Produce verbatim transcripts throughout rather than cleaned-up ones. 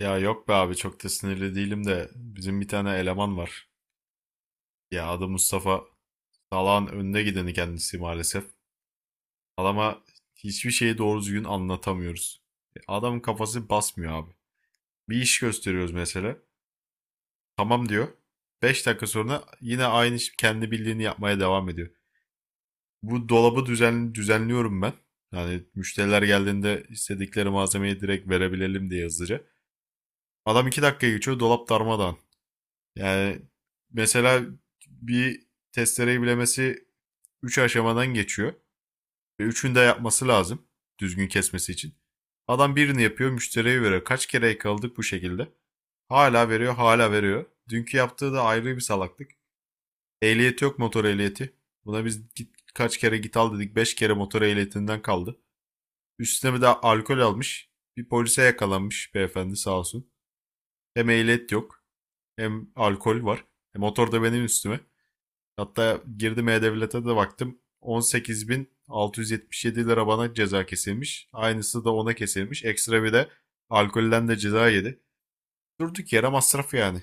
Ya yok be abi çok da sinirli değilim de bizim bir tane eleman var. Ya adı Mustafa. Salağın önde gideni kendisi maalesef. Adama hiçbir şeyi doğru düzgün anlatamıyoruz. E, adamın kafası basmıyor abi. Bir iş gösteriyoruz mesela. Tamam diyor. Beş dakika sonra yine aynı iş- kendi bildiğini yapmaya devam ediyor. Bu dolabı düzen, düzenliyorum ben. Yani müşteriler geldiğinde istedikleri malzemeyi direkt verebilelim diye hızlıca. Adam iki dakika geçiyor dolap darmadağın. Yani mesela bir testereyi bilemesi üç aşamadan geçiyor. Ve üçünü de yapması lazım düzgün kesmesi için. Adam birini yapıyor, müşteriye veriyor. Kaç kere yakaladık bu şekilde. Hala veriyor, hala veriyor. Dünkü yaptığı da ayrı bir salaklık. Ehliyeti yok motor ehliyeti. Buna biz git, kaç kere git al dedik. Beş kere motor ehliyetinden kaldı. Üstüne bir de alkol almış. Bir polise yakalanmış beyefendi sağ olsun. Hem ehliyet yok, hem alkol var. E motor da benim üstüme. Hatta girdim E-Devlet'e de baktım. on sekiz bin altı yüz yetmiş yedi lira bana ceza kesilmiş. Aynısı da ona kesilmiş. Ekstra bir de alkolden de ceza yedi. Durduk yere masraf yani.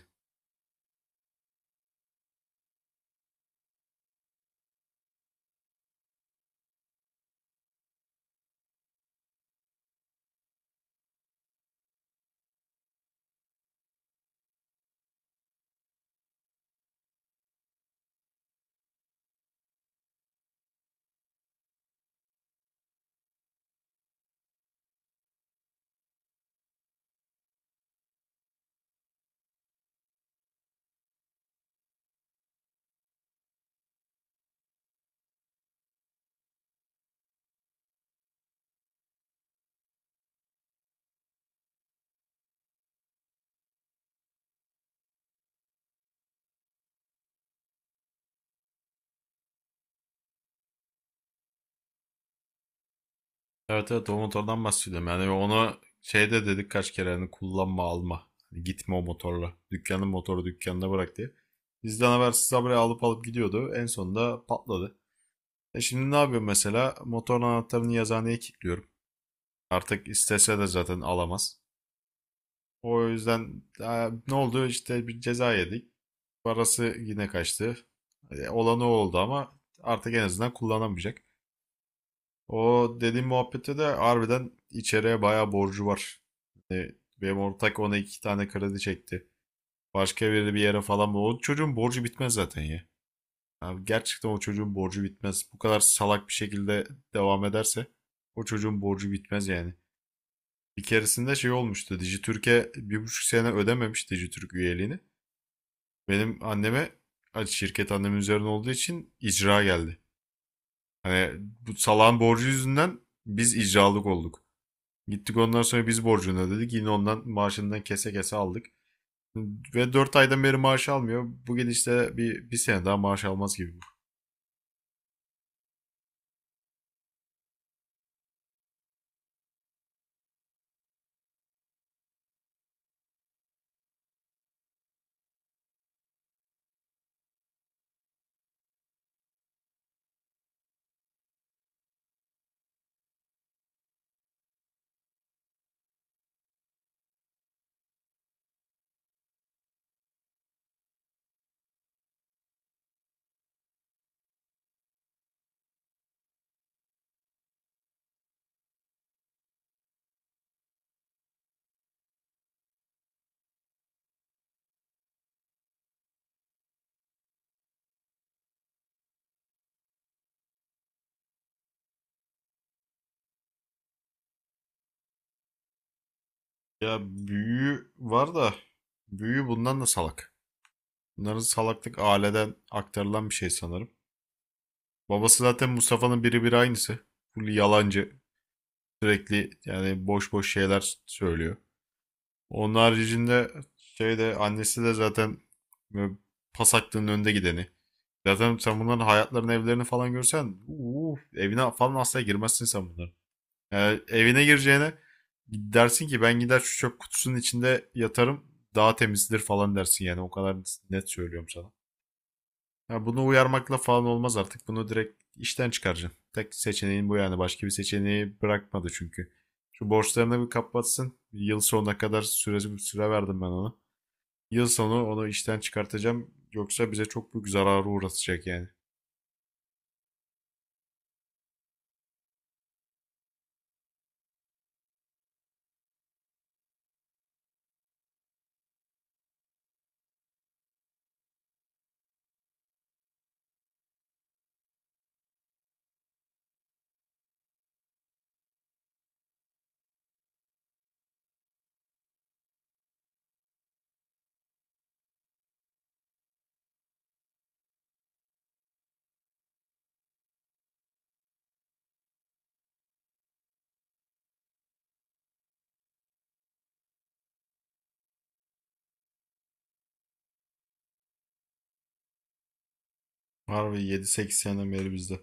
Evet evet o motordan bahsediyorum. Yani onu şeyde dedik kaç kere hani kullanma alma. Hani gitme o motorla. Dükkanın motoru dükkanına bırak diye. Bizden habersiz habire alıp alıp gidiyordu. En sonunda patladı. E şimdi ne yapıyorum mesela? Motorun anahtarını yazıhaneye kilitliyorum. Artık istese de zaten alamaz. O yüzden e, ne oldu? İşte bir ceza yedik. Parası yine kaçtı. E, olan o oldu ama artık en azından kullanamayacak. O dediğim muhabbette de harbiden içeriye bayağı borcu var. E, benim ortak ona iki tane kredi çekti. Başka biri bir yere falan. O çocuğun borcu bitmez zaten ya. Abi gerçekten o çocuğun borcu bitmez. Bu kadar salak bir şekilde devam ederse o çocuğun borcu bitmez yani. Bir keresinde şey olmuştu. Dijitürk'e bir buçuk sene ödememiş Dijitürk üyeliğini. Benim anneme hani şirket annemin üzerine olduğu için icra geldi. Hani bu salağın borcu yüzünden biz icralık olduk. Gittik ondan sonra biz borcunu ödedik. Yine ondan maaşından kese kese aldık. Ve dört aydan beri maaş almıyor. Bu gidişle bir, bir sene daha maaş almaz gibi bu. Ya büyüğü var da büyüğü bundan da salak. Bunların salaklık aileden aktarılan bir şey sanırım. Babası zaten Mustafa'nın biri bir aynısı. Full yalancı. Sürekli yani boş boş şeyler söylüyor. Onun haricinde şey de annesi de zaten böyle pas hakkının önde gideni. Zaten sen bunların hayatlarını, evlerini falan görsen uuu, evine falan asla girmezsin sen bunların. Yani evine gireceğine dersin ki ben gider şu çöp kutusunun içinde yatarım daha temizdir falan dersin yani o kadar net söylüyorum sana. Ya bunu uyarmakla falan olmaz artık. Bunu direkt işten çıkaracaksın. Tek seçeneğin bu yani. Başka bir seçeneği bırakmadı çünkü. Şu borçlarını bir kapatsın. Yıl sonuna kadar süre, süre verdim ben ona. Yıl sonu onu işten çıkartacağım. Yoksa bize çok büyük zararı uğratacak yani. Harbi yedi sekiz seneden beri bizde.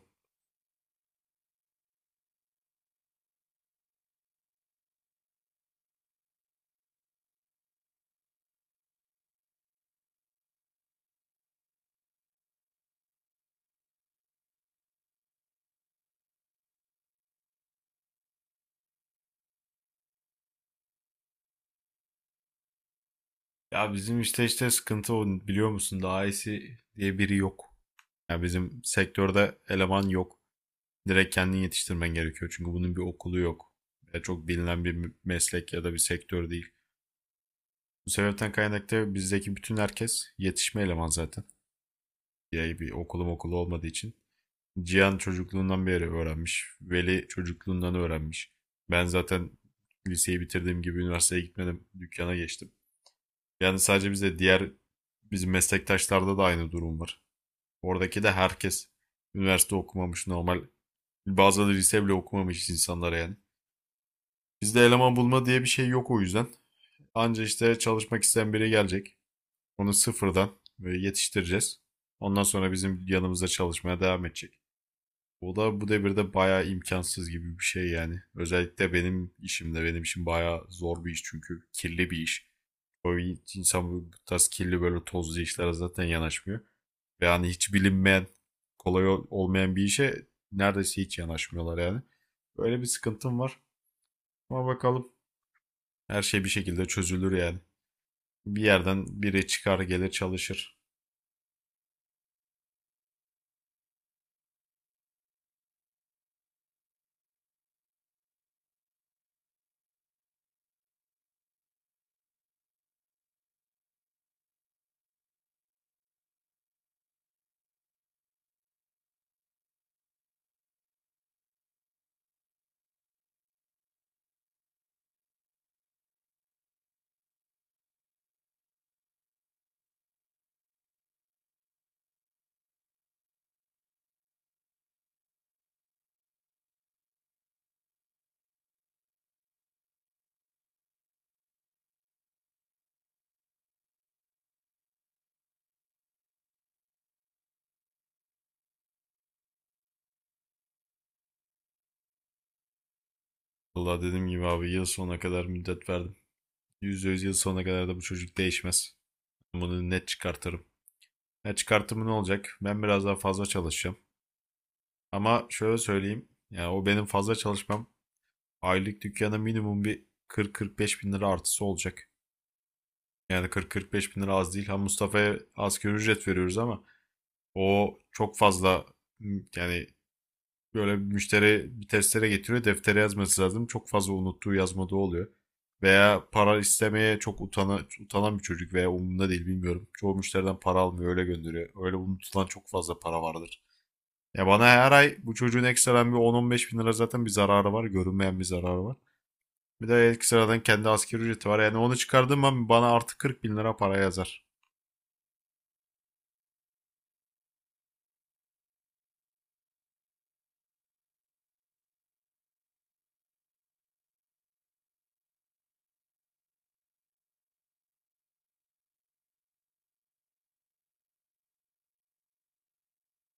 Ya bizim işte işte sıkıntı o biliyor musun? Daha iyisi diye biri yok. Ya bizim sektörde eleman yok. Direkt kendin yetiştirmen gerekiyor. Çünkü bunun bir okulu yok. Ya çok bilinen bir meslek ya da bir sektör değil. Bu sebepten kaynaklı bizdeki bütün herkes yetişme eleman zaten. Yani bir okulum okulu olmadığı için. Cihan çocukluğundan beri öğrenmiş. Veli çocukluğundan öğrenmiş. Ben zaten liseyi bitirdiğim gibi üniversiteye gitmedim. Dükkana geçtim. Yani sadece bize diğer bizim meslektaşlarda da aynı durum var. Oradaki de herkes üniversite okumamış normal. Bazıları lise bile okumamış insanlara yani. Bizde eleman bulma diye bir şey yok o yüzden. Anca işte çalışmak isteyen biri gelecek. Onu sıfırdan böyle yetiştireceğiz. Ondan sonra bizim yanımızda çalışmaya devam edecek. O da bu devirde bayağı imkansız gibi bir şey yani. Özellikle benim işimde. Benim işim bayağı zor bir iş çünkü kirli bir iş. O insan bu tarz kirli böyle tozlu işlere zaten yanaşmıyor. Ve hani hiç bilinmeyen, kolay olmayan bir işe neredeyse hiç yanaşmıyorlar yani. Böyle bir sıkıntım var. Ama bakalım, her şey bir şekilde çözülür yani. Bir yerden biri çıkar gelir çalışır. Valla dediğim gibi abi yıl sonuna kadar müddet verdim. yüzde yüz yıl sonuna kadar da bu çocuk değişmez. Bunu net çıkartırım. Ya çıkartımı ne olacak? Ben biraz daha fazla çalışacağım. Ama şöyle söyleyeyim. Yani o benim fazla çalışmam aylık dükkana minimum bir kırk kırk beş bin lira artısı olacak. Yani kırk kırk beş bin lira az değil. Ha Mustafa'ya asgari ücret veriyoruz ama o çok fazla yani. Böyle bir müşteri bir testere getiriyor. Deftere yazması lazım. Çok fazla unuttuğu yazmadığı oluyor. Veya para istemeye çok utana, utanan bir çocuk veya umurunda değil bilmiyorum. Çoğu müşteriden para almıyor öyle gönderiyor. Öyle unutulan çok fazla para vardır. Ya bana her ay bu çocuğun ekstradan bir on on beş bin lira zaten bir zararı var. Görünmeyen bir zararı var. Bir de ekstradan kendi asgari ücreti var. Yani onu çıkardığım an bana artı kırk bin lira para yazar.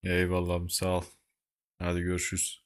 Eyvallah sağ ol. Hadi görüşürüz.